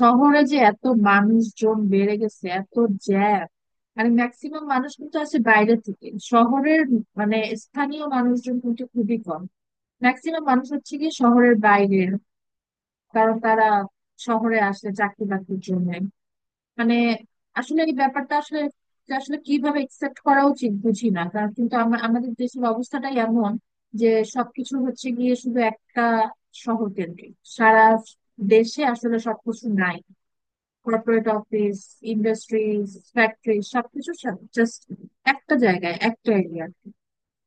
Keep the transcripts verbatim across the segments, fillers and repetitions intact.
শহরে যে এত মানুষজন বেড়ে গেছে, এত জ্যাম। মানে ম্যাক্সিমাম মানুষ কিন্তু আসে বাইরে থেকে শহরের, মানে স্থানীয় মানুষজন কিন্তু খুবই কম। ম্যাক্সিমাম মানুষ হচ্ছে কি শহরের বাইরের, কারণ তারা শহরে আসে চাকরি বাকরির জন্য। মানে আসলে এই ব্যাপারটা আসলে আসলে কিভাবে একসেপ্ট করা উচিত বুঝি না, কারণ কিন্তু আমা- আমাদের দেশের অবস্থাটাই এমন যে সবকিছু হচ্ছে গিয়ে শুধু একটা শহর কেন্দ্রিক। সারা দেশে আসলে সবকিছু নাই। কর্পোরেট অফিস, ইন্ডাস্ট্রিজ, ফ্যাক্টরি সবকিছু জাস্ট একটা জায়গায়, একটা এরিয়া।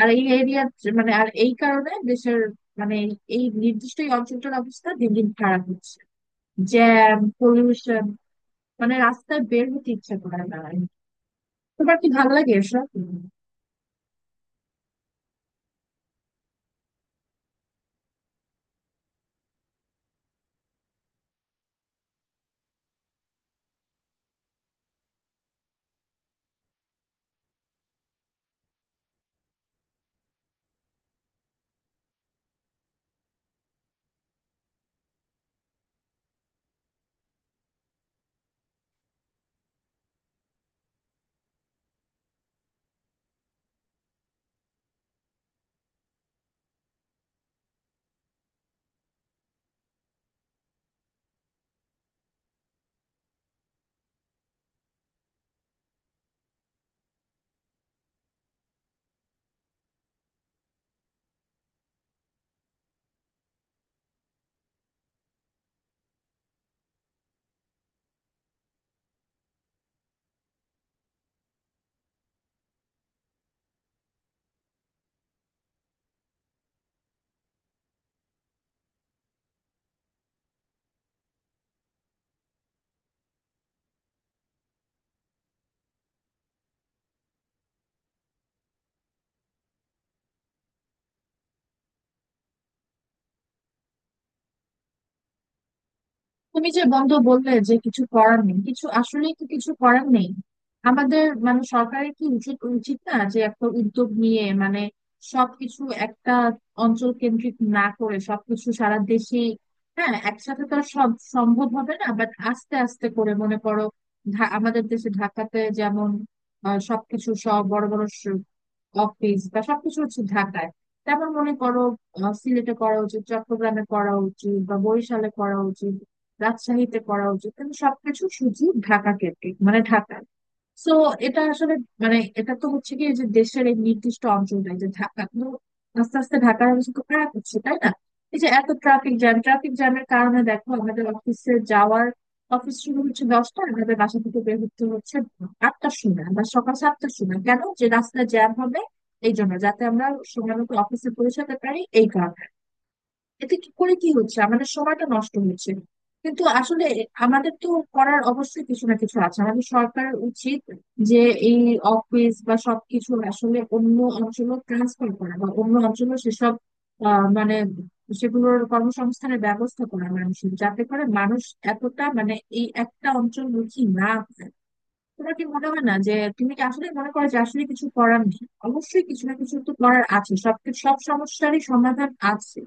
আর এই এরিয়া, মানে আর এই কারণে দেশের মানে এই নির্দিষ্ট এই অঞ্চলটার অবস্থা দিন দিন খারাপ হচ্ছে। জ্যাম, পলিউশন, মানে রাস্তায় বের হতে ইচ্ছে করে না। তোমার কি ভালো লাগে এসব? তুমি যে বন্ধ বললে যে কিছু করার নেই, কিছু আসলে তো কিছু করার নেই আমাদের মানে সরকারের কি উচিত উচিত না যে একটা উদ্যোগ নিয়ে, মানে সবকিছু একটা অঞ্চল কেন্দ্রিক না করে সবকিছু সারা দেশে। হ্যাঁ, একসাথে তো আর সব সম্ভব হবে না, বাট আস্তে আস্তে করে, মনে করো ধা- আমাদের দেশে ঢাকাতে যেমন আহ, সবকিছু, সব বড় বড় অফিস বা সবকিছু হচ্ছে ঢাকায়। তারপর মনে করো আহ, সিলেটে করা উচিত, চট্টগ্রামে করা উচিত, বা বরিশালে করা উচিত, রাজশাহীতে করা উচিত, কিন্তু সবকিছু শুধু ঢাকা কেন্দ্রিক মানে ঢাকা। সো এটা আসলে মানে এটা তো হচ্ছে কি যে দেশের এই নির্দিষ্ট অঞ্চলটাই যে ঢাকা, কিন্তু আস্তে আস্তে ঢাকার অবস্থা তো খারাপ হচ্ছে, তাই না? এই যে এত ট্রাফিক জ্যাম, ট্রাফিক জ্যামের কারণে দেখো আমাদের অফিসে যাওয়ার, অফিস শুরু হচ্ছে দশটা, আমাদের বাসা থেকে বের হতে হচ্ছে আটটার সময় বা সকাল সাতটার সময়। কেন যে রাস্তায় জ্যাম হবে এই জন্য যাতে আমরা সময় মতো অফিসে পৌঁছাতে পারি এই কারণ। এতে কি করে কি হচ্ছে, আমাদের সময়টা নষ্ট হচ্ছে। কিন্তু আসলে আমাদের তো করার অবশ্যই কিছু না কিছু আছে, আমাদের সরকারের উচিত যে এই অফিস বা সবকিছু আসলে অন্য অঞ্চলে ট্রান্সফার করা বা অন্য অঞ্চলে সেসব আহ, মানে সেগুলোর কর্মসংস্থানের ব্যবস্থা করা মানুষের, যাতে করে মানুষ এতটা মানে এই একটা অঞ্চলমুখী না হয়। তোমার কি মনে হয় না, যে তুমি কি আসলে মনে করো যে আসলে কিছু করার নেই? অবশ্যই কিছু না কিছু তো করার আছে, সব সব সমস্যারই সমাধান আছে।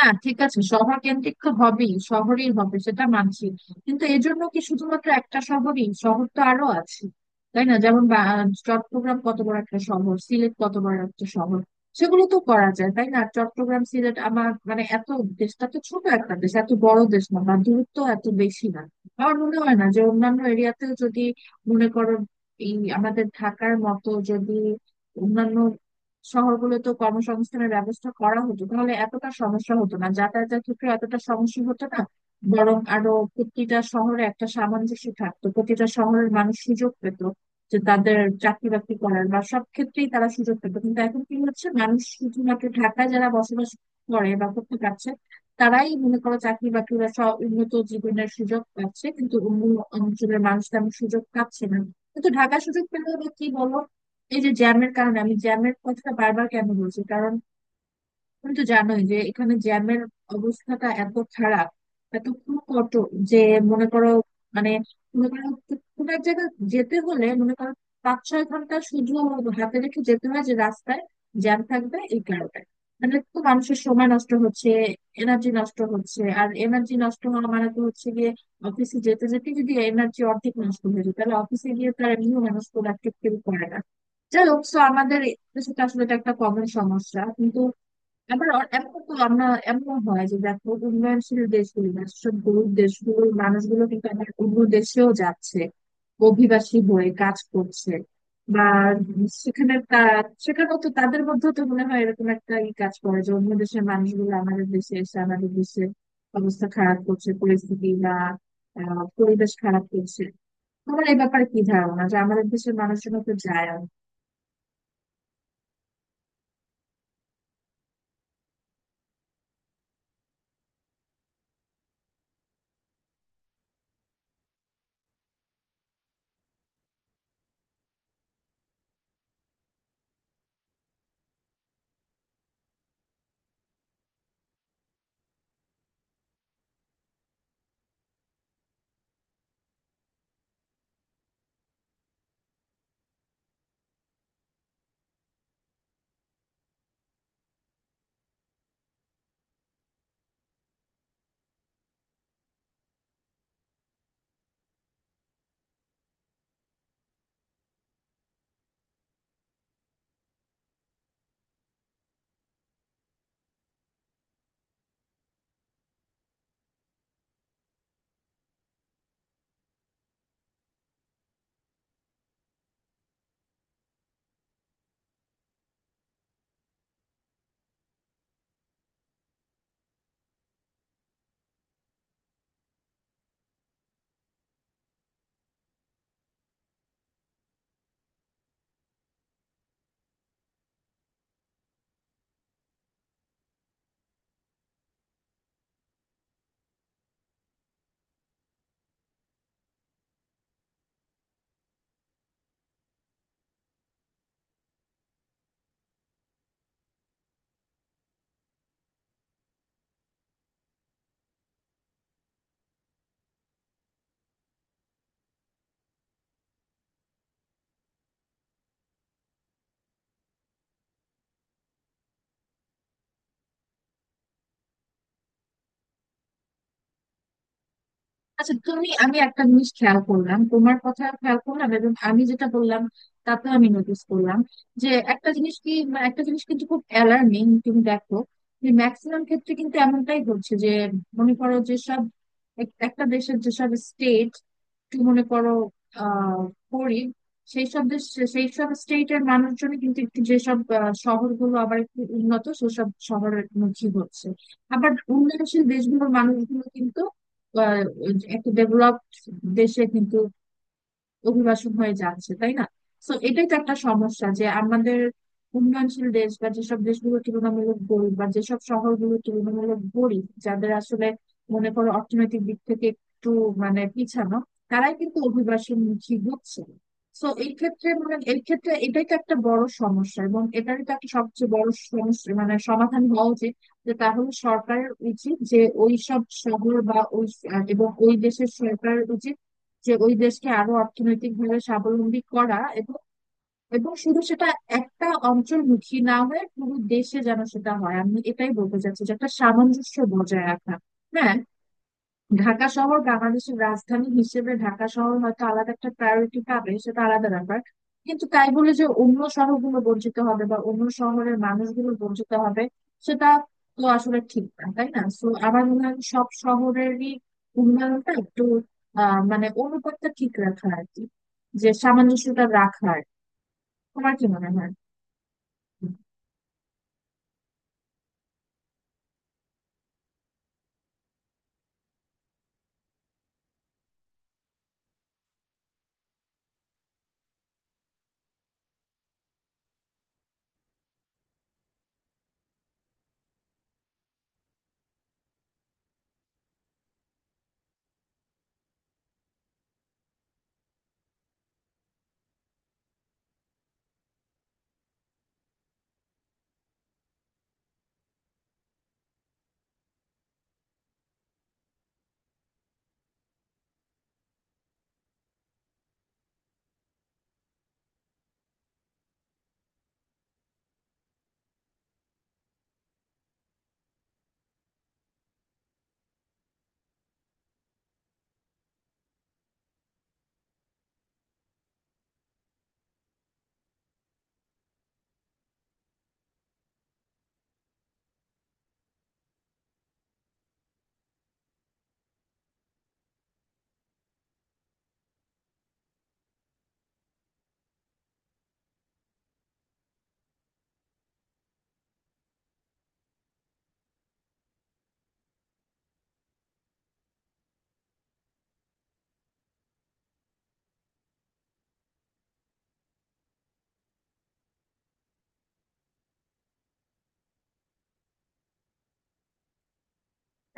না ঠিক আছে, শহর কেন্দ্রিক তো হবেই, শহরেই হবে সেটা মানছি, কিন্তু এর জন্য কি শুধুমাত্র একটা শহরই? শহর তো আরো আছে তাই না, যেমন বা- চট্টগ্রাম কত বড় একটা শহর, সিলেট কত বড় একটা শহর, সেগুলো তো করা যায় তাই না? চট্টগ্রাম, সিলেট আমার মানে এত দেশটা তো ছোট একটা দেশ, এত বড় দেশ না বা দূরত্ব এত বেশি না। আমার মনে হয় না যে অন্যান্য এরিয়াতেও যদি, মনে করো এই আমাদের ঢাকার মতো যদি অন্যান্য শহরগুলোতে কর্মসংস্থানের ব্যবস্থা করা হতো তাহলে এতটা সমস্যা হতো না, যাতায়াতের ক্ষেত্রে এতটা সমস্যা হতো না, বরং আরো প্রতিটা শহরে একটা সামঞ্জস্য থাকতো, প্রতিটা শহরের মানুষ সুযোগ পেত যে তাদের চাকরি বাকরি করার বা সব ক্ষেত্রেই তারা সুযোগ পেত। কিন্তু এখন কি হচ্ছে, মানুষ শুধুমাত্র ঢাকায় যারা বসবাস করে বা করতে পারছে তারাই মনে করো চাকরি বাকরি বা সব উন্নত জীবনের সুযোগ পাচ্ছে, কিন্তু অন্য অঞ্চলের মানুষ তেমন সুযোগ পাচ্ছে না। কিন্তু ঢাকা সুযোগ পেলেও বা কি বলো, এই যে জ্যামের কারণে, আমি জ্যামের কথা বারবার কেন বলছি, কারণ তুমি তো জানোই যে এখানে জ্যামের অবস্থাটা এত খারাপ, এত কঠোর যে মনে করো মানে মনে করো কোনো এক জায়গায় যেতে হলে মনে করো পাঁচ ছয় ঘন্টা শুধু হাতে রেখে যেতে হয় যে রাস্তায় জ্যাম থাকবে এই কারণে। মানে তো মানুষের সময় নষ্ট হচ্ছে, এনার্জি নষ্ট হচ্ছে। আর এনার্জি নষ্ট হওয়া মানে তো হচ্ছে গিয়ে, অফিসে যেতে যেতে যদি এনার্জি অর্ধেক নষ্ট হয়ে যায় তাহলে অফিসে গিয়ে তার এমনিও মানুষ প্রোডাক্টিভ ফিল করে না। যাই হোক, so আমাদের দেশে তো আসলে এটা একটা কমন সমস্যা। আবার অ- এখন তো আমরা এমন হয় যে দেখো উন্নয়নশীল দেশগুলি বা সেসব গরিব দেশগুলোর মানুষগুলো কিন্তু আবার অন্য দেশেও যাচ্ছে, অভিবাসী হয়ে কাজ করছে বা সেখানে তা সেখানেও তো তাদের মধ্যেও তো মনে হয় এরকম একটা ই কাজ করে যে অন্য দেশের মানুষগুলো আমাদের দেশে এসে আমাদের দেশের অবস্থা খারাপ করছে, পরিস্থিতি বা আহ, পরিবেশ খারাপ করছে। তোমার এই ব্যাপারে কি ধারণা যে আমাদের দেশের মানুষজন তো যায়? আচ্ছা, তুমি আমি একটা জিনিস খেয়াল করলাম, তোমার কথা খেয়াল করলাম এবং আমি যেটা বললাম তাতে আমি নোটিস করলাম যে একটা জিনিস কি মানে একটা জিনিস কিন্তু খুব অ্যালার্মিং। তুমি দেখো যে ম্যাক্সিমাম ক্ষেত্রে কিন্তু এমনটাই হচ্ছে, যে মনে করো যে সব এক- একটা দেশের যেসব স্টেট একটু মনে করো আহ গরিব, সেই সব দেশ, সেই সব স্টেটের মানুষজন কিন্তু একটু যেসব আহ, শহরগুলো আবার একটু উন্নত সেসব শহরের মুখী হচ্ছে। আবার উন্নয়নশীল দেশগুলোর মানুষগুলো কিন্তু আহ, একটা ডেভেলপড দেশে কিন্তু অভিবাসন হয়ে যাচ্ছে তাই না? তো এটাই তো একটা সমস্যা যে আমাদের উন্নয়নশীল দেশ বা যেসব দেশগুলো তুলনামূলক গরিব বা যেসব শহরগুলো তুলনামূলক গরিব, যাদের আসলে মনে করো অর্থনৈতিক দিক থেকে একটু মানে পিছানো, তারাই কিন্তু অভিবাসনমুখী হচ্ছে। তো এই ক্ষেত্রে মানে এই ক্ষেত্রে এটাই তো একটা বড় সমস্যা, এবং এটারই তো একটা সবচেয়ে বড় সমস্যা মানে সমাধান হওয়া উচিত। যে তাহলে সরকারের উচিত যে ওই সব শহর বা ওই আহ, এবং ওই দেশের সরকারের উচিত যে ওই দেশকে আরো অর্থনৈতিকভাবে স্বাবলম্বী করা, এবং এবং শুধু সেটা একটা অঞ্চলমুখী না হয়ে পুরো দেশে যেন সেটা হয়। আমি এটাই বলতে চাচ্ছি যে একটা সামঞ্জস্য বজায় রাখা। হ্যাঁ, ঢাকা শহর বাংলাদেশের রাজধানী হিসেবে ঢাকা শহর হয়তো আলাদা একটা প্রায়োরিটি পাবে, সেটা আলাদা ব্যাপার, কিন্তু তাই বলে যে অন্য শহরগুলো বঞ্চিত হবে বা অন্য শহরের মানুষগুলো বঞ্চিত হবে সেটা তো আসলে ঠিক না তাই না? তো আমার মনে হয় সব শহরেরই উন্নয়নটা একটু আহ মানে অনুপাতটা ঠিক রাখা আর কি, যে সামঞ্জস্যটা রাখার। তোমার কি মনে হয়?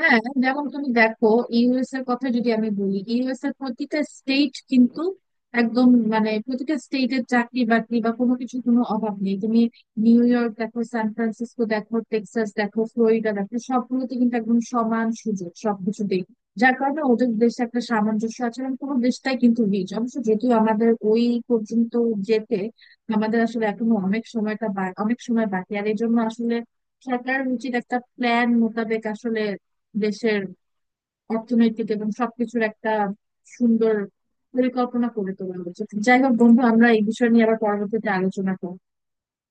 হ্যাঁ, যেমন তুমি দেখো, ইউ এস এর কথা যদি আমি বলি, ইউ এস এর প্রতিটা স্টেট কিন্তু একদম মানে প্রতিটা স্টেটের চাকরি বাকরি বা কোনো কিছু কোনো অভাব নেই। তুমি নিউ ইয়র্ক দেখো, সান ফ্রান্সিসকো দেখো, টেক্সাস দেখো, ফ্লোরিডা দেখো, সবগুলোতে কিন্তু একদম সমান সুযোগ সবকিছুতেই। যার কারণে ওদের দেশে একটা সামঞ্জস্য আছে এবং পুরো দেশটাই কিন্তু রিচ। অবশ্য যদিও আমাদের ওই পর্যন্ত যেতে আমাদের আসলে এখনো অনেক সময়টা বা- অনেক সময় বাকি। আর এই জন্য আসলে সরকার উচিত একটা প্ল্যান মোতাবেক আসলে দেশের অর্থনৈতিক এবং সবকিছুর একটা সুন্দর পরিকল্পনা করে তোলা উচিত। যাই হোক বন্ধু, আমরা এই বিষয় নিয়ে আবার পরবর্তীতে আলোচনা করবো।